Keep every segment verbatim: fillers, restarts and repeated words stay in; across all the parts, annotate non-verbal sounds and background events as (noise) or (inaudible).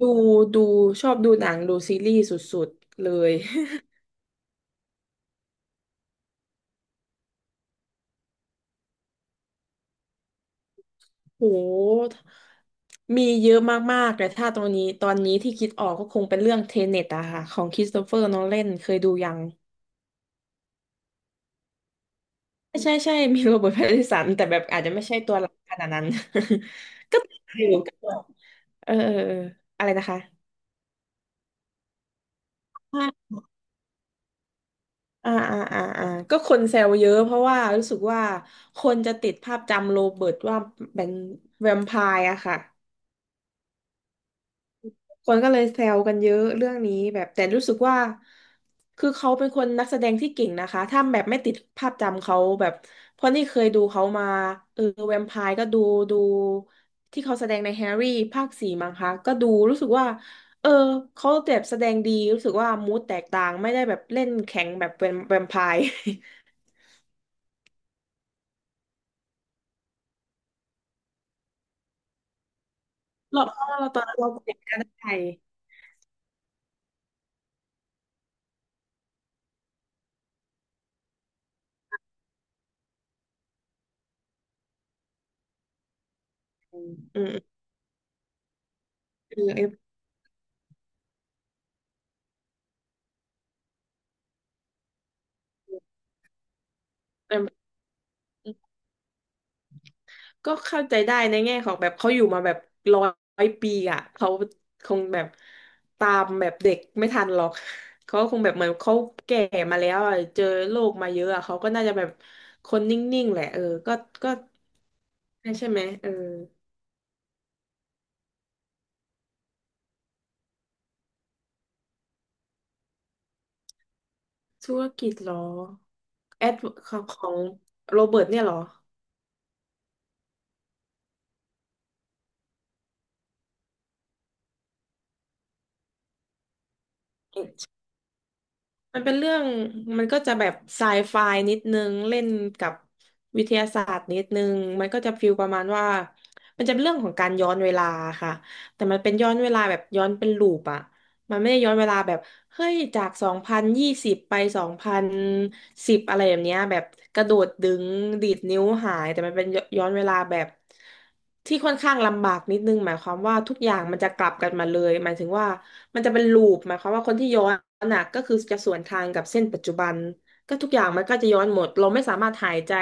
ดูดูชอบดูหนังดูซีรีส์สุดๆเลย (laughs) โหมีเยอะมากๆแต่ถ้าตอนนี้ตอนนี้ที่คิดออกก็คงเป็นเรื่องเทเน็ตอะค่ะของคริสโตเฟอร์โนแลนเคยดูยังใช่ใช่ใช่มีโรเบิร์ตแพตตินสันแต่แบบอาจจะไม่ใช่ตัวหลักขนาดนั้น (laughs) ก็ติดอยู่ก็แบบเออเออเอออะไรนะคะอ่าอ่าอ่าอ่าก็คนแซวเยอะเพราะว่ารู้สึกว่าคนจะติดภาพจำโรเบิร์ตว่าเป็นแวมไพร์อะค่ะ คนก็เลยแซวกันเยอะเรื่องนี้แบบแต่รู้สึกว่าคือเขาเป็นคนนักแสดงที่เก่งนะคะถ้าแบบไม่ติดภาพจำเขาแบบเพราะนี่เคยดูเขามาเออแวมไพร์ก็ดูดูที่เขาแสดงในแฮร์รี่ภาคสี่มั้งคะก็ดูรู้สึกว่าเออเขาแบบแสดงดีรู้สึกว่ามูดแตกต่างไม่ได้แบบเล่นแข็งแบบแวมแวม (laughs) ไพร์ (laughs) เราเพราะว่าเราตอนนั้นเราเด็กก็ได้อืมอืมเออ ก็เข้าใจได้ในแง่ของแบบเขาอยู่มาแบบร้อยปีอ่ะเขาคงแบบตามแบบเด็กไม่ทันหรอกเขาคงแบบเหมือนเขาแก่มาแล้วอะเจอโลกมาเยอะอะเขาก็น่าจะแบบคนนิ่งๆแหละเออก็ก็ใช่ไหมเออธุรกิจเหรอแอดของของโรเบิร์ตเนี่ยเหรอ มันเป็นเรื่องมันก็จะแบบไซไฟนิดนึงเล่นกับวิทยาศาสตร์นิดนึงมันก็จะฟีลประมาณว่ามันจะเป็นเรื่องของการย้อนเวลาค่ะแต่มันเป็นย้อนเวลาแบบย้อนเป็นลูปอะ มันไม่ได้ย้อนเวลาแบบเฮ้ยจากสองพันยี่สิบไปสองพันสิบอะไรแบบเนี้ยแบบกระโดดดึงดีดนิ้วหายแต่มันเป็นย้อนเวลาแบบที่ค่อนข้างลำบากนิดนึงหมายความว่าทุกอย่างมันจะกลับกันมาเลยหมายถึงว่ามันจะเป็นลูปหมายความว่าคนที่ย้อนน่ะก็คือจะสวนทางกับเส้นปัจจุบันก็ทุกอย่างมันก็จะย้อนหมดเราไม่สามารถหายใจ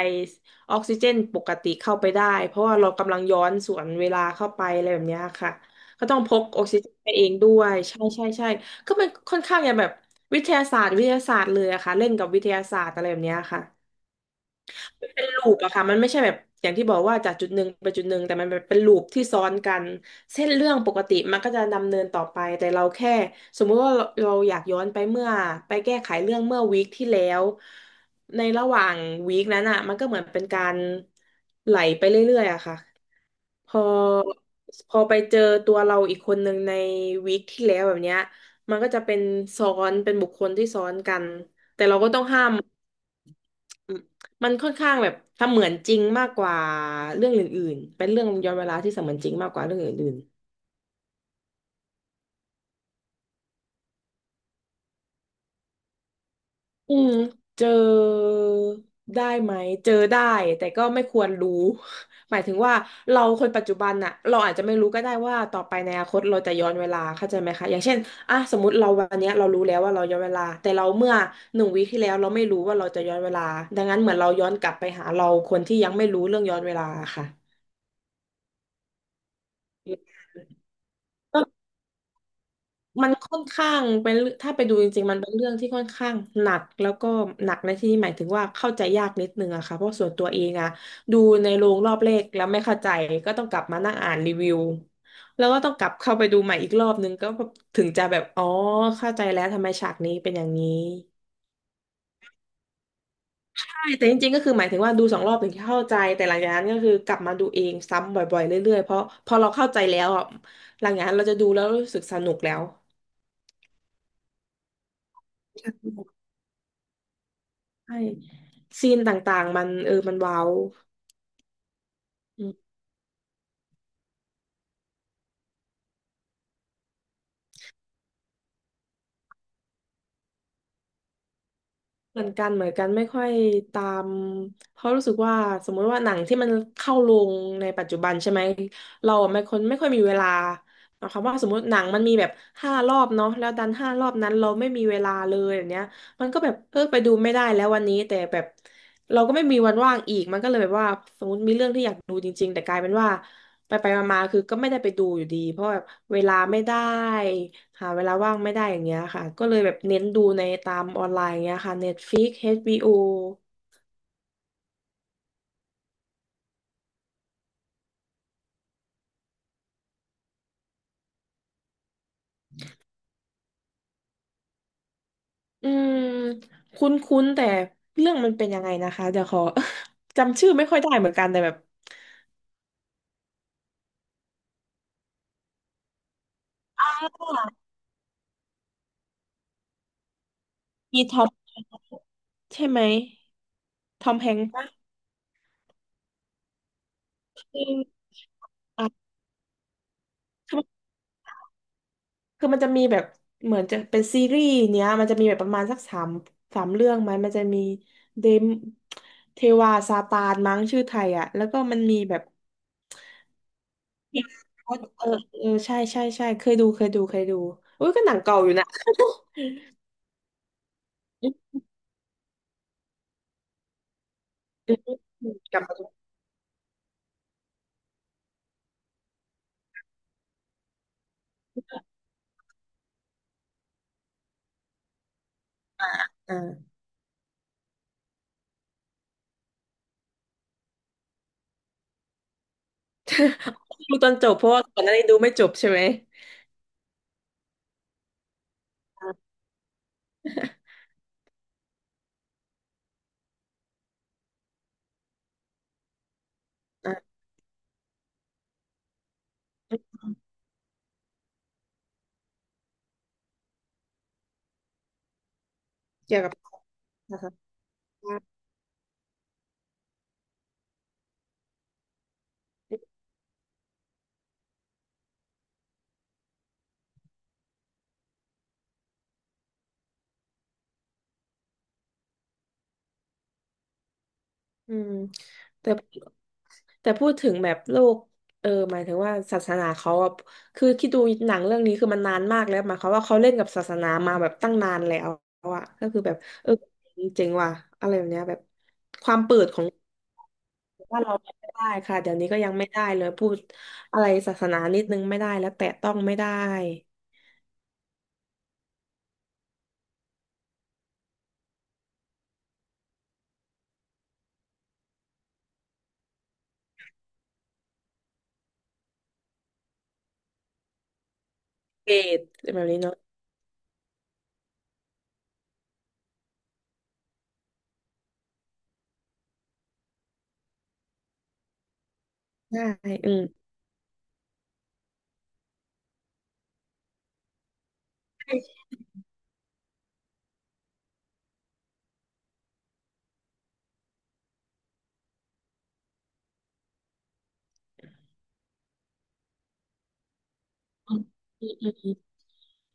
ออกซิเจนปกติเข้าไปได้เพราะว่าเรากำลังย้อนสวนเวลาเข้าไปอะไรแบบเนี้ยค่ะ ก็ต้องพกออกซิเจนไปเองด้วยใช่ใช่ใช่ก็มันค่อนข้างอย่างแบบวิทยาศาสตร์วิทยาศาสตร์เลยอะค่ะเล่นกับวิทยาศาสตร์อะไรแบบเนี้ยค่ะมันเป็นลูปอะค่ะมันไม่ใช่แบบอย่างที่บอกว่าจากจุดหนึ่งไปจุดหนึ่งแต่มันแบบเป็นลูปที่ซ้อนกันเส้นเรื่องปกติมันก็จะดำเนินต่อไปแต่เราแค่สมมุติว่าเราเราอยากย้อนไปเมื่อไปแก้ไขเรื่องเมื่อวีคที่แล้วในระหว่างวีคนั้นอะมันก็เหมือนเป็นการไหลไปเรื่อยๆอะค่ะ พอพอไปเจอตัวเราอีกคนหนึ่งในวีคที่แล้วแบบเนี้ยมันก็จะเป็นซ้อนเป็นบุคคลที่ซ้อนกันแต่เราก็ต้องห้ามมันค่อนข้างแบบเสมือนจริงมากกว่าเรื่องอื่นๆเป็นเรื่องย้อนเวลาที่เสมือนจริงมากกว่าเรื่องอื่น อืมเจอได้ไหมเจอได้แต่ก็ไม่ควรรู้ (laughs) หมายถึงว่าเราคนปัจจุบันน่ะเราอาจจะไม่รู้ก็ได้ว่าต่อไปในอนาคตเราจะย้อนเวลาเข้าใจไหมคะอย่างเช่นอ่ะสมมติเราวันเนี้ยเรารู้แล้วว่าเราย้อนเวลาแต่เราเมื่อหนึ่งวีคที่แล้วเราไม่รู้ว่าเราจะย้อนเวลาดังนั้นเหมือนเราย้อนกลับไปหาเราคนที่ยังไม่รู้เรื่องย้อนเวลาค่ะ มันค่อนข้างเป็นเรื่องถ้าไปดูจริงๆมันเป็นเรื่องที่ค่อนข้างหนักแล้วก็หนักในที่นี้หมายถึงว่าเข้าใจยากนิดนึงอะค่ะเพราะส่วนตัวเองอะดูในโรงรอบแรกแล้วไม่เข้าใจก็ต้องกลับมานั่งอ่านรีวิวแล้วก็ต้องกลับเข้าไปดูใหม่อีกรอบนึงก็ถึงจะแบบอ๋อเข้าใจแล้วทำไมฉากนี้เป็นอย่างนี้ใช่แต่จริงๆก็คือหมายถึงว่าดูสองรอบถึงจะเข้าใจแต่หลังจากนั้นก็คือกลับมาดูเองซ้ำบ่อยๆเรื่อยๆเพราะพอเราเข้าใจแล้วอะหลังจากนั้นเราจะดูแล้วรู้สึกสนุกแล้ว ใช่ซีนต่างๆมันเออมันว้าวอืมเหมือนกันเหมือนกันไม่ค่อยตามเพราะรู้สึกว่าสมมุติว่าหนังที่มันเข้าโรงในปัจจุบันใช่ไหมเราอะไม่คนไม่ค่อยมีเวลาหมายความว่าสมมติหนังมันมีแบบห้ารอบเนาะแล้วดันห้ารอบนั้นเราไม่มีเวลาเลยอย่างเนี้ยมันก็แบบเออไปดูไม่ได้แล้ววันนี้แต่แบบเราก็ไม่มีวันว่างอีกมันก็เลยแบบว่าสมมติมีเรื่องที่อยากดูจริงๆแต่กลายเป็นว่า ไปไปมาๆคือก็ไม่ได้ไปดูอยู่ดีเพราะแบบเวลาไม่ได้หาเวลาว่างไม่ได้อย่างเงี้ยค่ะก็เลยแบบเน้นดูในตามออนไลน์อย่างเงี้ยค่ะ Netflix เอช บี โอ อชบีโออืมคุ้นๆแต่เรื่องมันเป็นยังไงนะคะเดี๋ยวขอ (laughs) จำชื่อไม่ค่อยได้เหมือนกันแต่แบบอ่ามีทอมใช่ไหมทอมแฮงค์ปะอมอ่ะ คือมันจะมีแบบเหมือนจะเป็นซีรีส์เนี้ยมันจะมีแบบประมาณสักสามสามเรื่องไหมมันจะมีเดมเทวาซาตานมั้งชื่อไทยอ่ะแล้วก็มันมีแบบเออเออใช่ใช่ใช่เคยดูเคยดูเคยดูอุ้ยก็หนังเก่าอยู่นะ (laughs) อืมกลับมาดูอ่า (laughs) ดูตอนจบเพราะว่าก่อนหน้านี้ดูไม่จบใช่ไหมอ่าอ่าเกี่ยวกับ (laughs) นะคะ อืมแต่แต่พูดถึงแบบโลกเออหมายถึงว่าศาสนาเขาอะคือคิดดูหนังเรื่องนี้คือมันนานมากแล้วหมายความว่าเขาเล่นกับศาสนามาแบบตั้งนานแล้วอะก็คือแบบเออเจ๋งว่ะอะไรแบบเนี้ยแบบความเปิดของว่านเราไม่ได้ค่ะเดี๋ยวนี้ก็ยังไม่ได้เลยพูดอะไรศาสนานิดนึงไม่ได้แล้วแตะต้องไม่ได้เกลียดแบบนี้เนาะใช่อืม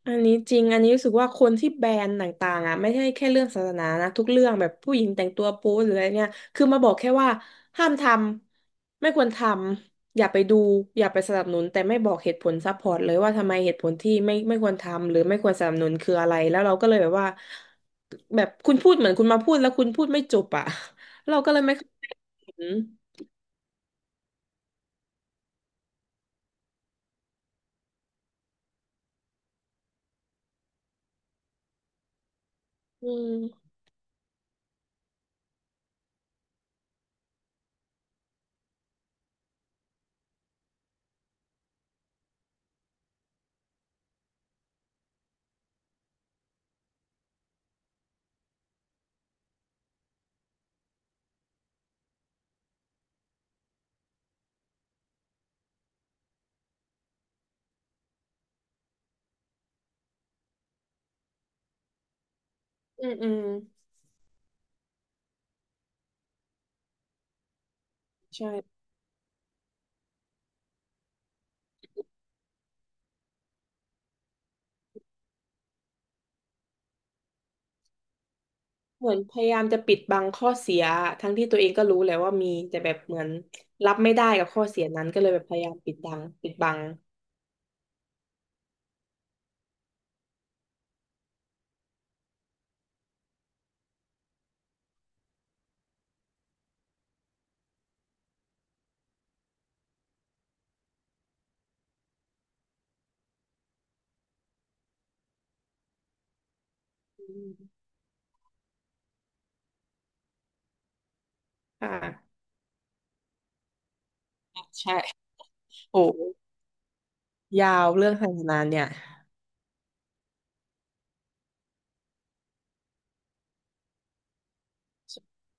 อันนี้จริงอันนี้รู้สึกว่าคนที่แบนต่างๆอ่ะไม่ใช่แค่เรื่องศาสนานะทุกเรื่องแบบผู้หญิงแต่งตัวโป๊หรืออะไรเนี่ยคือมาบอกแค่ว่าห้ามทำไม่ควรทำอย่าไปดูอย่าไปสนับสนุนแต่ไม่บอกเหตุผลซัพพอร์ตเลยว่าทำไมเหตุผลที่ไม่ไม่ควรทำหรือไม่ควรสนับสนุนคืออะไรแล้วเราก็เลยแบบว่าแบบคุณพูดเหมือนคุณมาพูดแล้วคุณพูดไม่จบอ่ะ (laughs) เราก็เลยไม่เข้าใจเหตุผลอืมอืมอืมใช่ เหมือนพยายามจะปิดบังข้อเสียทั้งที่ตัวเองก็รู้แหละว่ามีแต่แบบเหมือนรับไม่ได้กับข้อเสียนั้นก็เลยแบบพยายามปิดบังปิดบังอืมอ่าใช่โอ้ยาวเรื่องไฮนานเนี่ย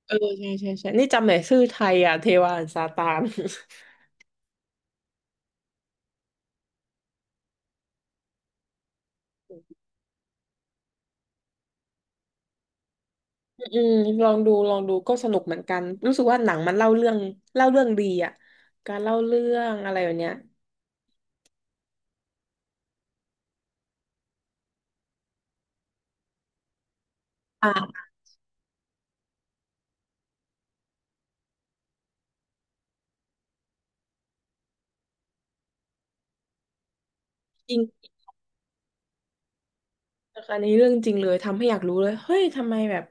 เออใช่ใช่ใช่นี่จำไหนอยชื่อไทยอ่ะเทวาอันซาตาน (laughs) อืมลองดูลองดูก็สนุกเหมือนกันรู้สึกว่าหนังมันเล่าเรื่องเล่าเรื่องดีอ่ะการเล่าเรื่องอะไรแบบเนี้ยอ่ะจริง นะคะอันนี้เรื่องจริงเลยทำให้อยากรู้เลยเฮ้ยทำไมแบบ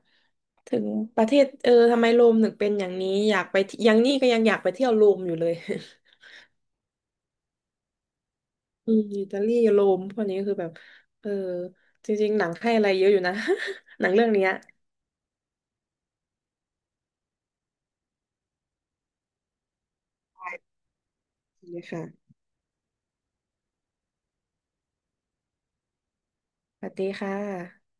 ถึงประเทศเออทำไมโรมถึงเป็นอย่างนี้อยากไปที่ยังนี่ก็ยังอยากไปเที่ยวโรมอยู่เลย (laughs) อืมอิตาลีโรมพวกนี้คือแบบเออจริงๆหนังให้อะไรเยอะอยู่นะ (laughs) หนังเรื่องเนี้ยใช่เลยค่ะสวัสดีค่ะ